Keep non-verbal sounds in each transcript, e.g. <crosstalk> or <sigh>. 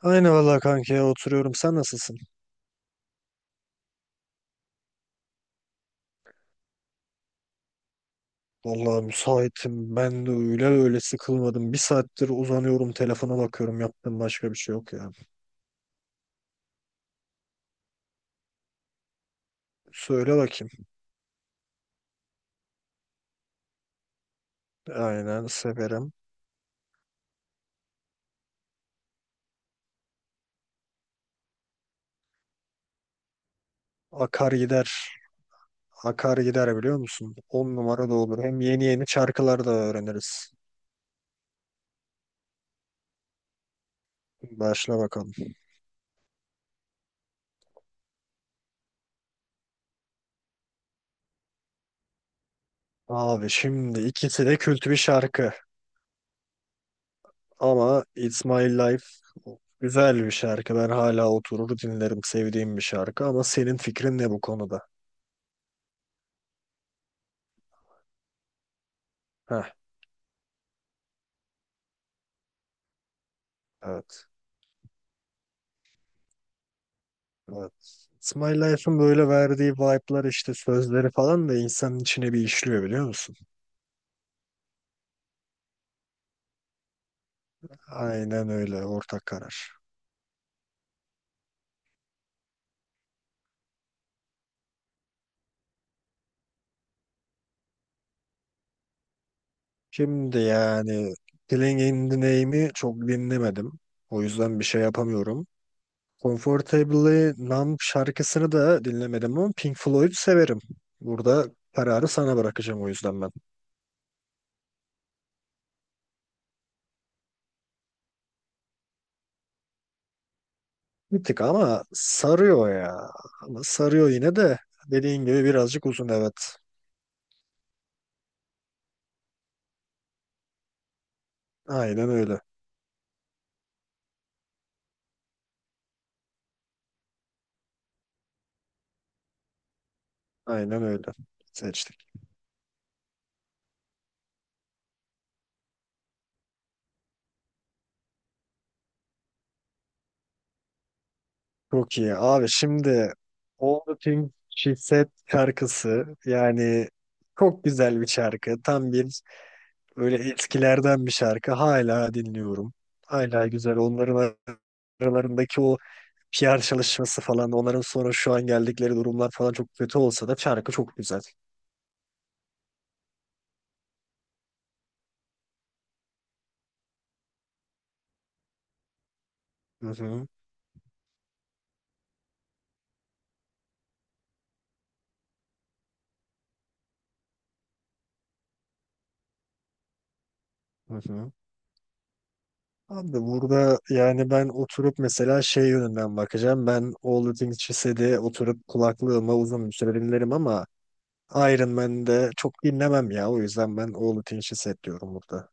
Aynı vallahi kanka ya oturuyorum. Sen nasılsın? Vallahi müsaitim. Ben de öyle sıkılmadım. Bir saattir uzanıyorum telefona bakıyorum. Yaptığım başka bir şey yok ya. Söyle bakayım. Aynen severim. Akar gider. Akar gider biliyor musun? On numara da olur. Hem yeni yeni şarkılar da öğreniriz. Başla bakalım. Abi şimdi ikisi de kült bir şarkı. Ama It's My Life güzel bir şarkı. Ben hala oturur dinlerim. Sevdiğim bir şarkı. Ama senin fikrin ne bu konuda? Heh. Evet. Evet. It's My Life'ın böyle verdiği vibe'lar işte sözleri falan da insanın içine bir işliyor biliyor musun? Aynen öyle, ortak karar. Şimdi yani Killing in the Name'i çok dinlemedim. O yüzden bir şey yapamıyorum. Comfortably Numb şarkısını da dinlemedim ama Pink Floyd severim. Burada kararı sana bırakacağım o yüzden ben. Bir tık ama sarıyor ya. Ama sarıyor yine de dediğin gibi birazcık uzun, evet. Aynen öyle. Aynen öyle. Seçtik. Çok iyi. Abi şimdi All the Things She Said şarkısı yani çok güzel bir şarkı. Tam bir böyle eskilerden bir şarkı. Hala dinliyorum. Hala güzel. Onların aralarındaki o PR çalışması falan, onların sonra şu an geldikleri durumlar falan çok kötü olsa da şarkı çok güzel. Hı hı. Hı hı. Abi burada yani ben oturup mesela şey yönünden bakacağım. Ben All The Things She Said'i oturup kulaklığıma uzun bir süre dinlerim ama Iron Man'de çok dinlemem ya. O yüzden ben All The Things She Said diyorum burada.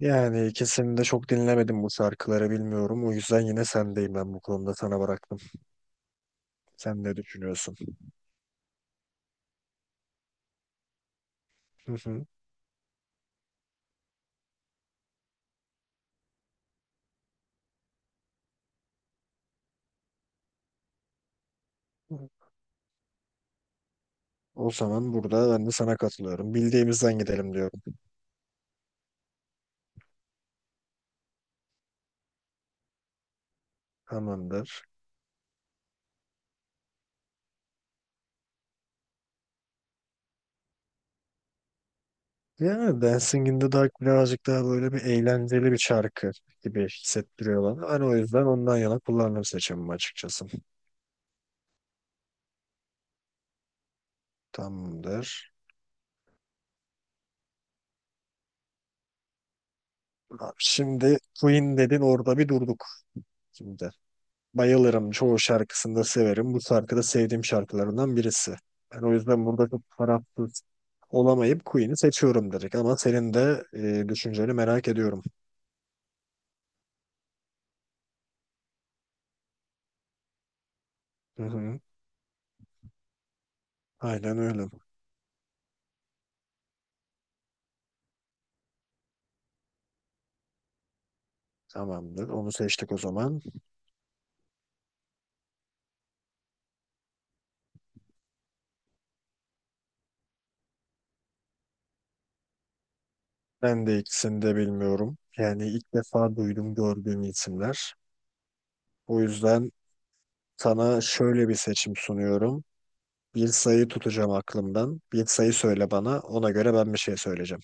Yani ikisini de çok dinlemedim, bu şarkıları bilmiyorum. O yüzden yine sendeyim, ben bu konuda sana bıraktım. Sen ne düşünüyorsun? Hı hı. O zaman burada ben de sana katılıyorum. Bildiğimizden gidelim diyorum. Tamamdır. Yani Dancing in the Dark birazcık daha böyle bir eğlenceli bir şarkı gibi hissettiriyor bana. Hani o yüzden ondan yana kullandım seçimimi açıkçası. Tamamdır. Abi şimdi Queen dedin, orada bir durduk şimdi. Bayılırım. Çoğu şarkısını da severim. Bu şarkı da sevdiğim şarkılarından birisi. Ben o yüzden burada çok tarafsız olamayıp Queen'i seçiyorum direkt. Ama senin de düşünceni merak ediyorum. Hı hı. Aynen öyle. Tamamdır. Onu seçtik o zaman. Ben de ikisini de bilmiyorum. Yani ilk defa duydum, gördüğüm isimler. O yüzden sana şöyle bir seçim sunuyorum. Bir sayı tutacağım aklımdan. Bir sayı söyle bana. Ona göre ben bir şey söyleyeceğim.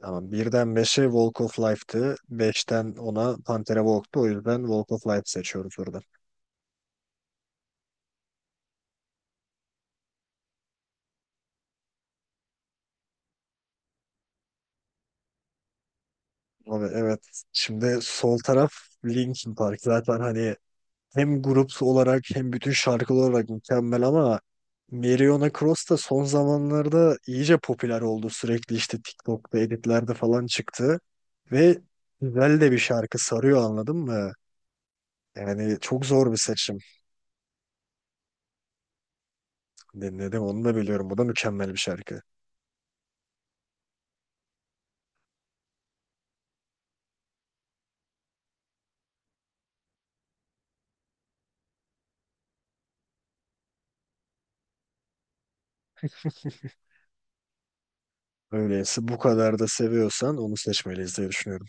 Tamam. Birden beşe Walk of Life'tı. Beşten ona Pantera Walk'tu. O yüzden Walk of Life seçiyoruz burada. Abi evet. Şimdi sol taraf Linkin Park. Zaten hani hem grup olarak hem bütün şarkılar olarak mükemmel ama Meriona Cross da son zamanlarda iyice popüler oldu. Sürekli işte TikTok'ta editlerde falan çıktı. Ve güzel de bir şarkı, sarıyor anladın mı? Yani çok zor bir seçim. Dinledim, onu da biliyorum. Bu da mükemmel bir şarkı. <laughs> Öyleyse bu kadar da seviyorsan onu seçmeliyiz diye düşünüyorum.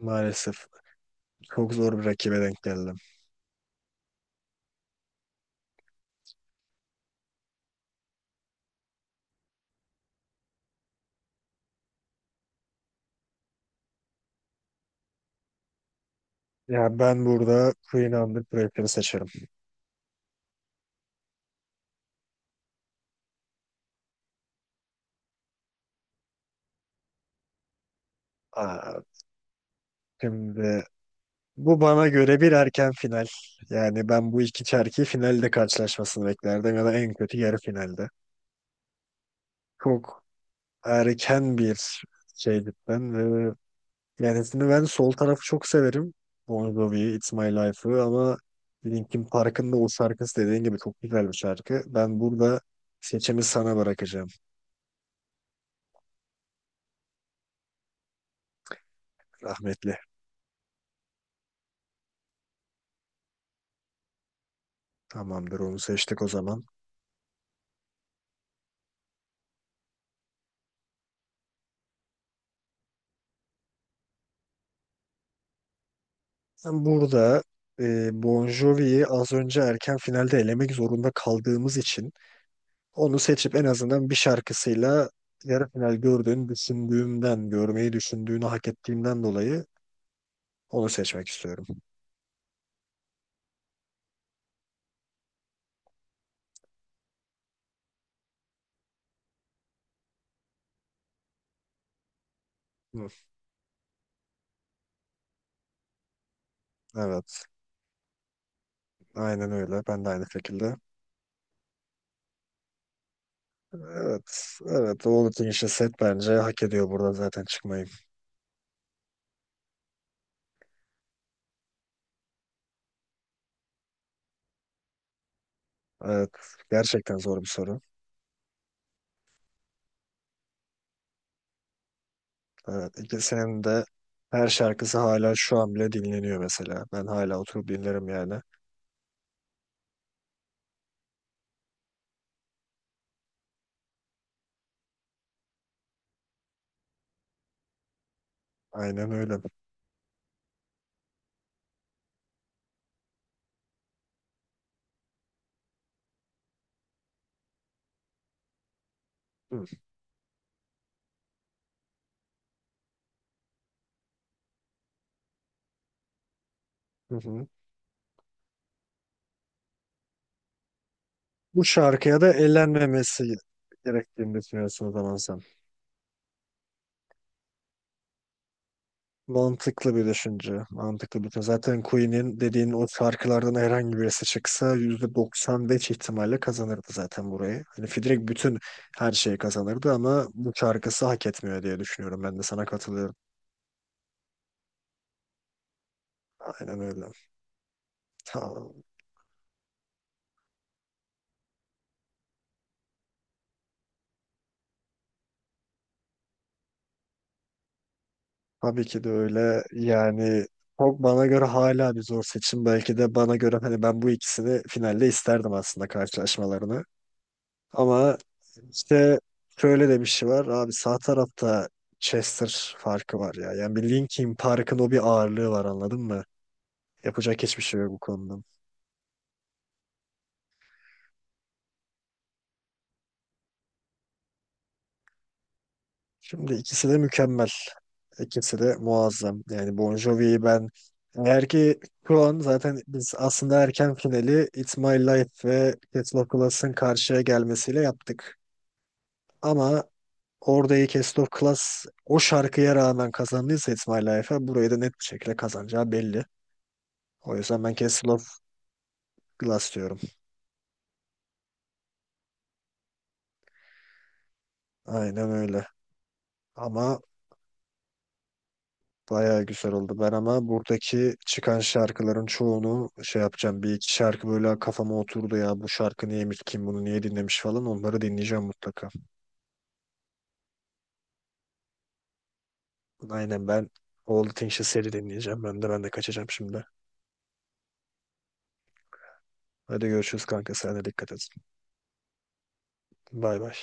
Maalesef çok zor bir rakibe denk geldim. Ya ben burada Queen Under Pressure'ı seçerim. Aa, şimdi bu bana göre bir erken final. Yani ben bu iki çerki finalde karşılaşmasını beklerdim ya da en kötü yarı finalde. Çok erken bir şey cidden ve yani şimdi ben sol tarafı çok severim. Bon Jovi, It's My Life'ı ama Linkin Park'ın da o şarkısı dediğin gibi çok güzel bir şarkı. Ben burada seçimi sana bırakacağım. Rahmetli. Tamamdır, onu seçtik o zaman. Ben burada Bon Jovi'yi az önce erken finalde elemek zorunda kaldığımız için onu seçip en azından bir şarkısıyla yarı final gördüğünü düşündüğümden, görmeyi düşündüğünü hak ettiğimden dolayı onu seçmek istiyorum. Hı, evet. Aynen öyle. Ben de aynı şekilde. Evet. Evet. All set, bence hak ediyor burada zaten çıkmayı. Evet. Gerçekten zor bir soru. Evet. İkisinin de her şarkısı hala şu an bile dinleniyor mesela. Ben hala oturup dinlerim yani. Aynen öyle. Hı hı. Hı. Bu şarkıya da eğlenmemesi gerektiğini düşünüyorsun o zaman sen. Mantıklı bir düşünce. Mantıklı bir düşünce. Zaten Queen'in dediğin o şarkılardan herhangi birisi çıksa %95 ihtimalle kazanırdı zaten burayı. Hani Fidrik bütün her şeyi kazanırdı ama bu şarkısı hak etmiyor diye düşünüyorum. Ben de sana katılıyorum. Aynen öyle. Ta- tabii ki de öyle. Yani çok bana göre hala bir zor seçim. Belki de bana göre hani ben bu ikisini finalde isterdim aslında karşılaşmalarını. Ama işte şöyle de bir şey var. Abi sağ tarafta Chester farkı var ya. Yani bir Linkin Park'ın o bir ağırlığı var anladın mı? Yapacak hiçbir şey yok bu konuda. Şimdi ikisi de mükemmel. İkisi de muazzam. Yani Bon Jovi'yi ben eğer ki şu an zaten biz aslında erken finali It's My Life ve Cats of Class'ın karşıya gelmesiyle yaptık. Ama oradaki Cats of Class o şarkıya rağmen kazandıysa It's My Life'a burayı da net bir şekilde kazanacağı belli. O yüzden ben Castle of Glass diyorum. Aynen öyle. Ama bayağı güzel oldu. Ben ama buradaki çıkan şarkıların çoğunu şey yapacağım. Bir iki şarkı böyle kafama oturdu ya. Bu şarkı neymiş, kim bunu niye dinlemiş falan. Onları dinleyeceğim mutlaka. Aynen, ben All the Things You Said'i dinleyeceğim. Ben de kaçacağım şimdi. Hadi görüşürüz kanka. Sen de dikkat et. Bay bay.